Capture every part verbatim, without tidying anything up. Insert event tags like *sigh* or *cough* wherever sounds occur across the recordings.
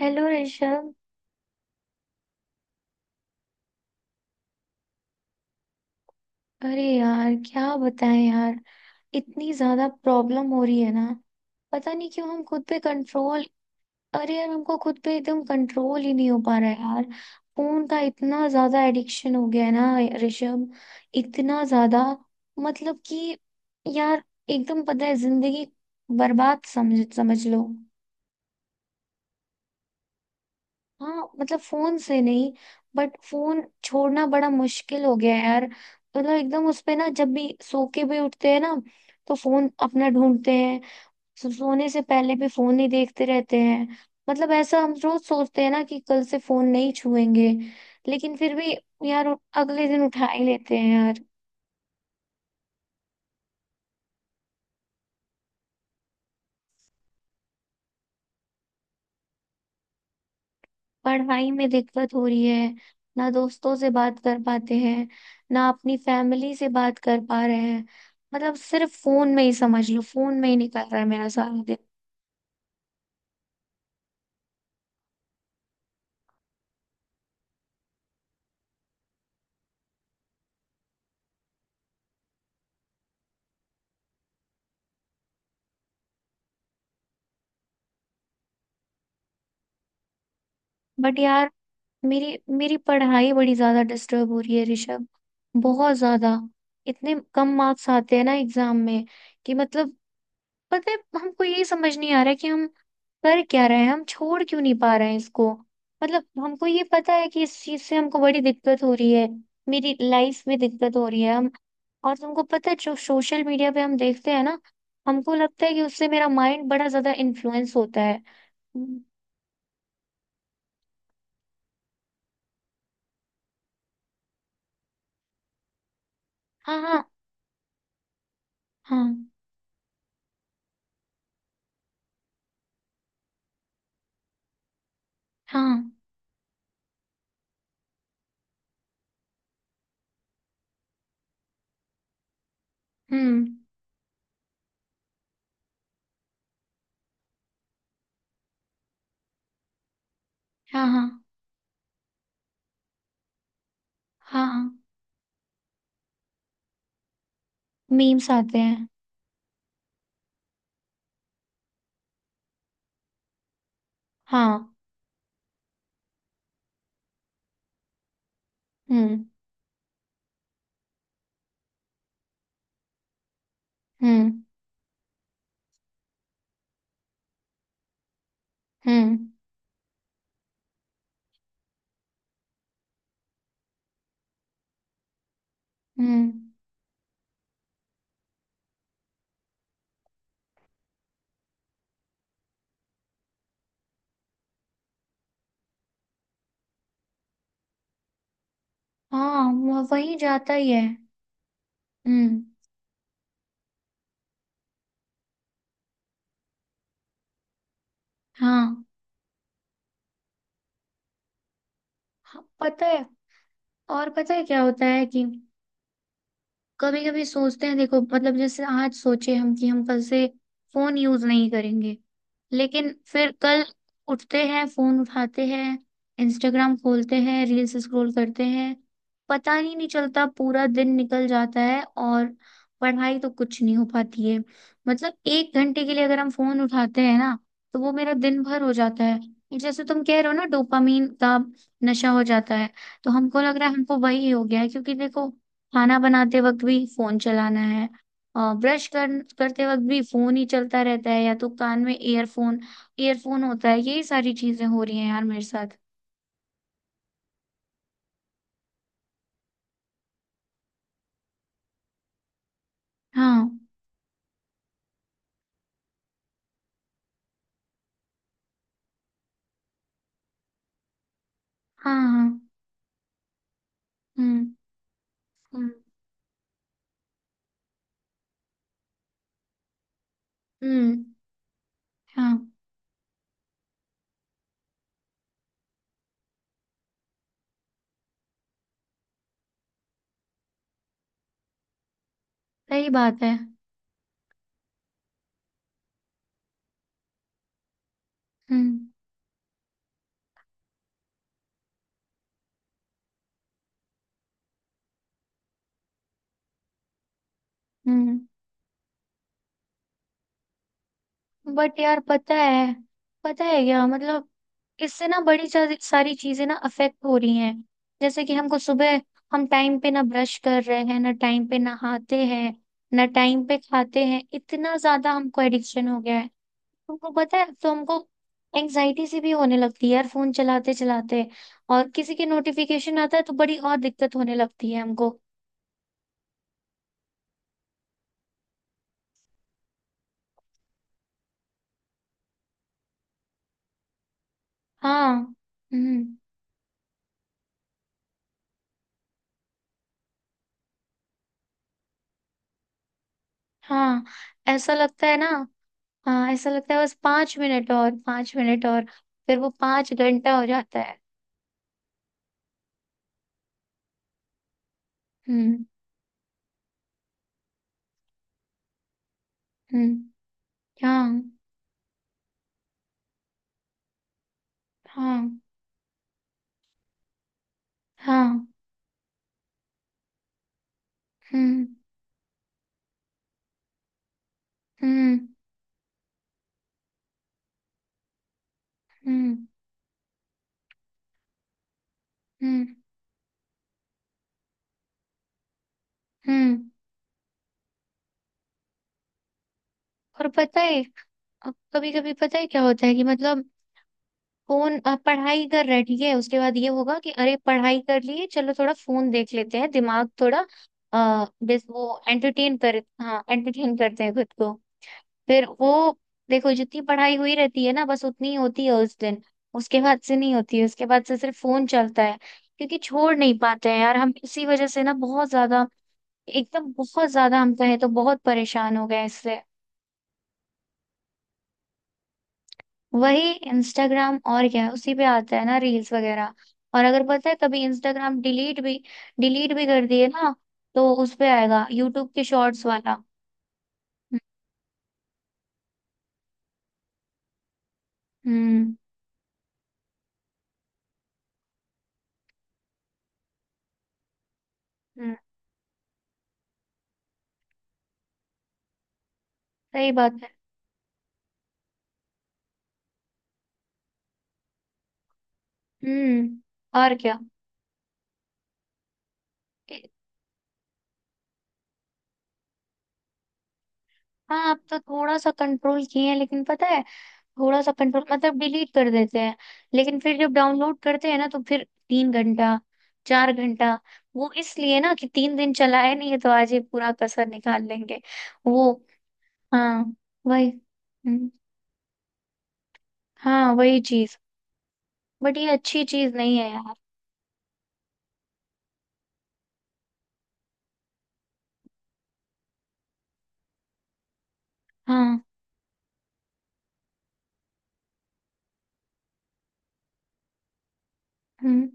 Hello Rishabh. अरे यार क्या बताएं यार, इतनी ज्यादा प्रॉब्लम हो रही है ना। पता नहीं क्यों हम खुद पे कंट्रोल। अरे यार हमको खुद पे एकदम कंट्रोल ही नहीं हो पा रहा है यार। फोन का इतना ज्यादा एडिक्शन हो गया है ना ऋषभ, इतना ज्यादा। मतलब कि यार, एकदम पता है जिंदगी बर्बाद समझ समझ लो। हाँ मतलब फोन से नहीं, बट फोन छोड़ना बड़ा मुश्किल हो गया है यार। मतलब एकदम उस पे ना, जब भी सो के भी उठते हैं ना तो फोन अपना ढूंढते हैं। सो- सोने से पहले भी फोन ही देखते रहते हैं। मतलब ऐसा हम रोज सोचते हैं ना कि कल से फोन नहीं छुएंगे, लेकिन फिर भी यार अगले दिन उठा ही लेते हैं यार। पढ़ाई में दिक्कत हो रही है, ना दोस्तों से बात कर पाते हैं, ना अपनी फैमिली से बात कर पा रहे हैं। मतलब सिर्फ फोन में ही समझ लो, फोन में ही निकल रहा है मेरा सारा दिन। बट यार मेरी मेरी पढ़ाई बड़ी ज्यादा डिस्टर्ब हो रही है ऋषभ, बहुत ज्यादा। इतने कम मार्क्स आते हैं ना एग्जाम में कि मतलब, पता है हमको यही समझ नहीं आ रहा है कि हम कर क्या रहे हैं, हम छोड़ क्यों नहीं पा रहे हैं इसको। मतलब हमको ये पता है कि इस चीज से हमको बड़ी दिक्कत हो रही है, मेरी लाइफ में दिक्कत हो रही है हम। और तुमको पता है जो सोशल मीडिया पे हम देखते हैं ना, हमको लगता है कि उससे मेरा माइंड बड़ा ज्यादा इन्फ्लुएंस होता है। हम्म, हाँ हाँ। हाँ हाँ। हम्म। हाँ हाँ। हाँ हाँ, मीम्स आते हैं। हाँ। हम्म हम्म हम्म हम्म। हाँ वह- वही जाता ही है। हम्म। हाँ हाँ, पता है। और पता है क्या होता है कि कभी कभी सोचते हैं देखो, मतलब जैसे आज सोचे हम कि हम कल से फोन यूज नहीं करेंगे, लेकिन फिर कल उठते हैं, फोन उठाते हैं, इंस्टाग्राम खोलते हैं, रील्स स्क्रॉल करते हैं। पता ही नहीं चलता, पूरा दिन निकल जाता है और पढ़ाई तो कुछ नहीं हो पाती है। मतलब एक घंटे के लिए अगर हम फोन उठाते हैं ना, तो वो मेरा दिन भर हो जाता है। जैसे तुम कह रहे हो ना, डोपामीन का नशा हो जाता है। तो हमको लग रहा है हमको वही हो गया है, क्योंकि देखो खाना बनाते वक्त भी फोन चलाना है और ब्रश कर, करते वक्त भी फोन ही चलता रहता है, या तो कान में ईयरफोन ईयरफोन होता है। यही सारी चीजें हो रही हैं यार मेरे साथ। हाँ हाँ। हाँ। हम्म हम्म हम्म। हाँ, सही बात है। हम्म हम्म। बट यार पता है, पता है क्या मतलब, इससे ना बड़ी सा- सारी चीजें ना अफेक्ट हो रही हैं। जैसे कि हमको सुबह हम टाइम पे ना ब्रश कर रहे हैं, ना टाइम पे नहाते हैं, ना टाइम पे खाते हैं, इतना ज्यादा हमको एडिक्शन हो गया है। तुमको पता है, तो हमको एंजाइटी से भी होने लगती है यार फोन चलाते चलाते, और किसी के नोटिफिकेशन आता है तो बड़ी और दिक्कत होने लगती है हमको। हाँ। हम्म। हाँ ऐसा लगता है ना। हाँ ऐसा लगता है, बस पांच मिनट और, पांच मिनट और, फिर वो पांच घंटा हो जाता है। हम्म हम्म। हाँ हाँ। हाँ। हम्म हम्म हम्म हम्म हम्म। और पता है, कभी कभी पता है क्या होता है कि मतलब फोन अ, पढ़ाई कर रहा है, ठीक है, उसके बाद ये होगा कि अरे पढ़ाई कर लिए, चलो थोड़ा फोन देख लेते हैं, दिमाग थोड़ा, अ बस वो एंटरटेन कर हाँ एंटरटेन करते हैं खुद को। फिर वो, देखो जितनी पढ़ाई हुई रहती है ना, बस उतनी ही होती है उस दिन, उसके बाद से नहीं होती है, उसके बाद से सिर्फ फोन चलता है। क्योंकि छोड़ नहीं पाते हैं यार हम, इसी वजह से ना बहुत ज्यादा, एकदम बहुत ज्यादा हम कहें तो, बहुत परेशान हो गए इससे। वही इंस्टाग्राम, और क्या है, उसी पे आता है ना रील्स वगैरह। और अगर पता है कभी इंस्टाग्राम डिलीट भी डिलीट भी कर दिए ना, तो उस पे आएगा यूट्यूब के शॉर्ट्स वाला। हम्म। हम्म, सही बात है। हम्म। और क्या। हाँ अब तो थोड़ा सा कंट्रोल किए हैं, लेकिन पता है थोड़ा सा कंट्रोल मतलब डिलीट कर देते हैं, लेकिन फिर जब डाउनलोड करते हैं ना, तो फिर तीन घंटा, चार घंटा। वो इसलिए ना कि तीन दिन चलाया नहीं है तो आज ये पूरा कसर निकाल लेंगे। वो, हाँ वही। हम्म, हाँ वही चीज। बट ये अच्छी चीज नहीं है यार। हाँ। हम्म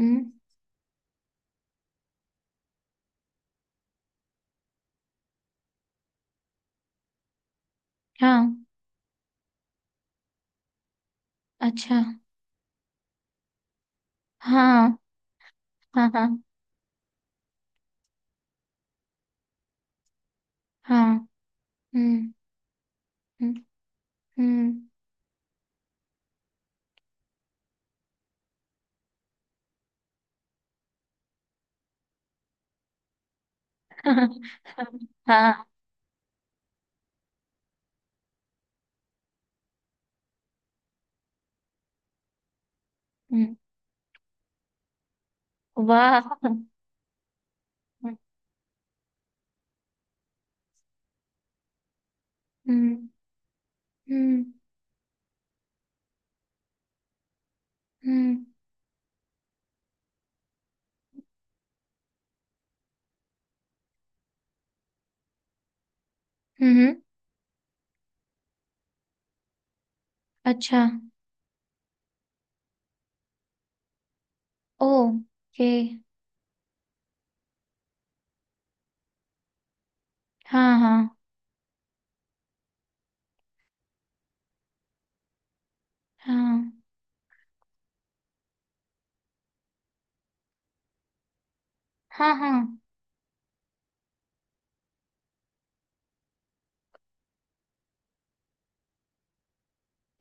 हम्म। हाँ। अच्छा। हाँ हाँ। हाँ हाँ। हम्म हम्म हम्म, *laughs* हाँ। हाँ, हम्म। वाह। हम्म हम्म हम्म हम्म। अच्छा। ओके। हाँ हाँ। हाँ हाँ। हाँ,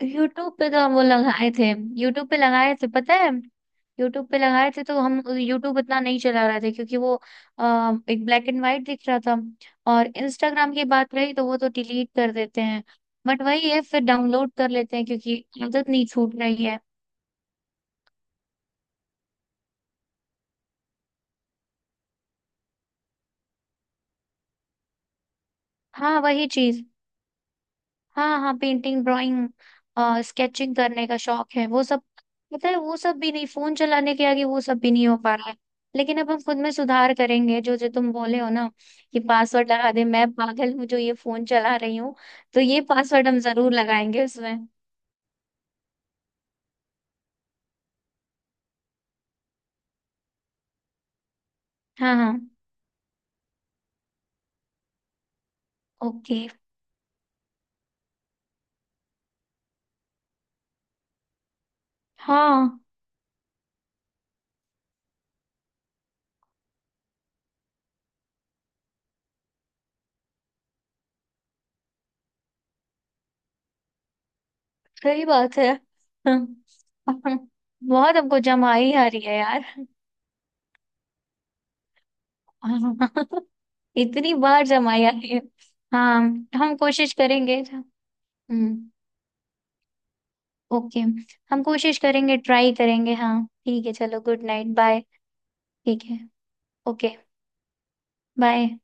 यूट्यूब पे तो वो लगाए थे। यूट्यूब पे लगाए थे पता है, यूट्यूब पे लगाए थे तो हम यूट्यूब इतना नहीं चला रहे थे क्योंकि वो आ, एक ब्लैक एंड वाइट दिख रहा था। और इंस्टाग्राम की बात रही तो वो तो डिलीट कर देते हैं, बट वही है फिर डाउनलोड कर लेते हैं क्योंकि आदत नहीं छूट रही है। हाँ वही चीज। हाँ हाँ, पेंटिंग, ड्राइंग, स्केचिंग करने का शौक है, वो सब। पता है, वो सब भी नहीं, फोन चलाने के आगे वो सब भी नहीं हो पा रहा है। लेकिन अब हम खुद में सुधार करेंगे, जो जो तुम बोले हो ना कि पासवर्ड लगा दे, मैं पागल हूँ जो ये फोन चला रही हूँ, तो ये पासवर्ड हम जरूर लगाएंगे उसमें। हाँ। हाँ। ओके। हाँ, सही बात है। *laughs* हाँ, हाँ, बहुत हमको जमाई आ रही है यार। हाँ, *laughs* इतनी बार जमाई आ रही है। हाँ। हम कोशिश करेंगे। हम्म। ओके। हम कोशिश करेंगे, ट्राई करेंगे, हाँ ठीक है, चलो गुड नाइट, बाय। ठीक है। ओके। बाय।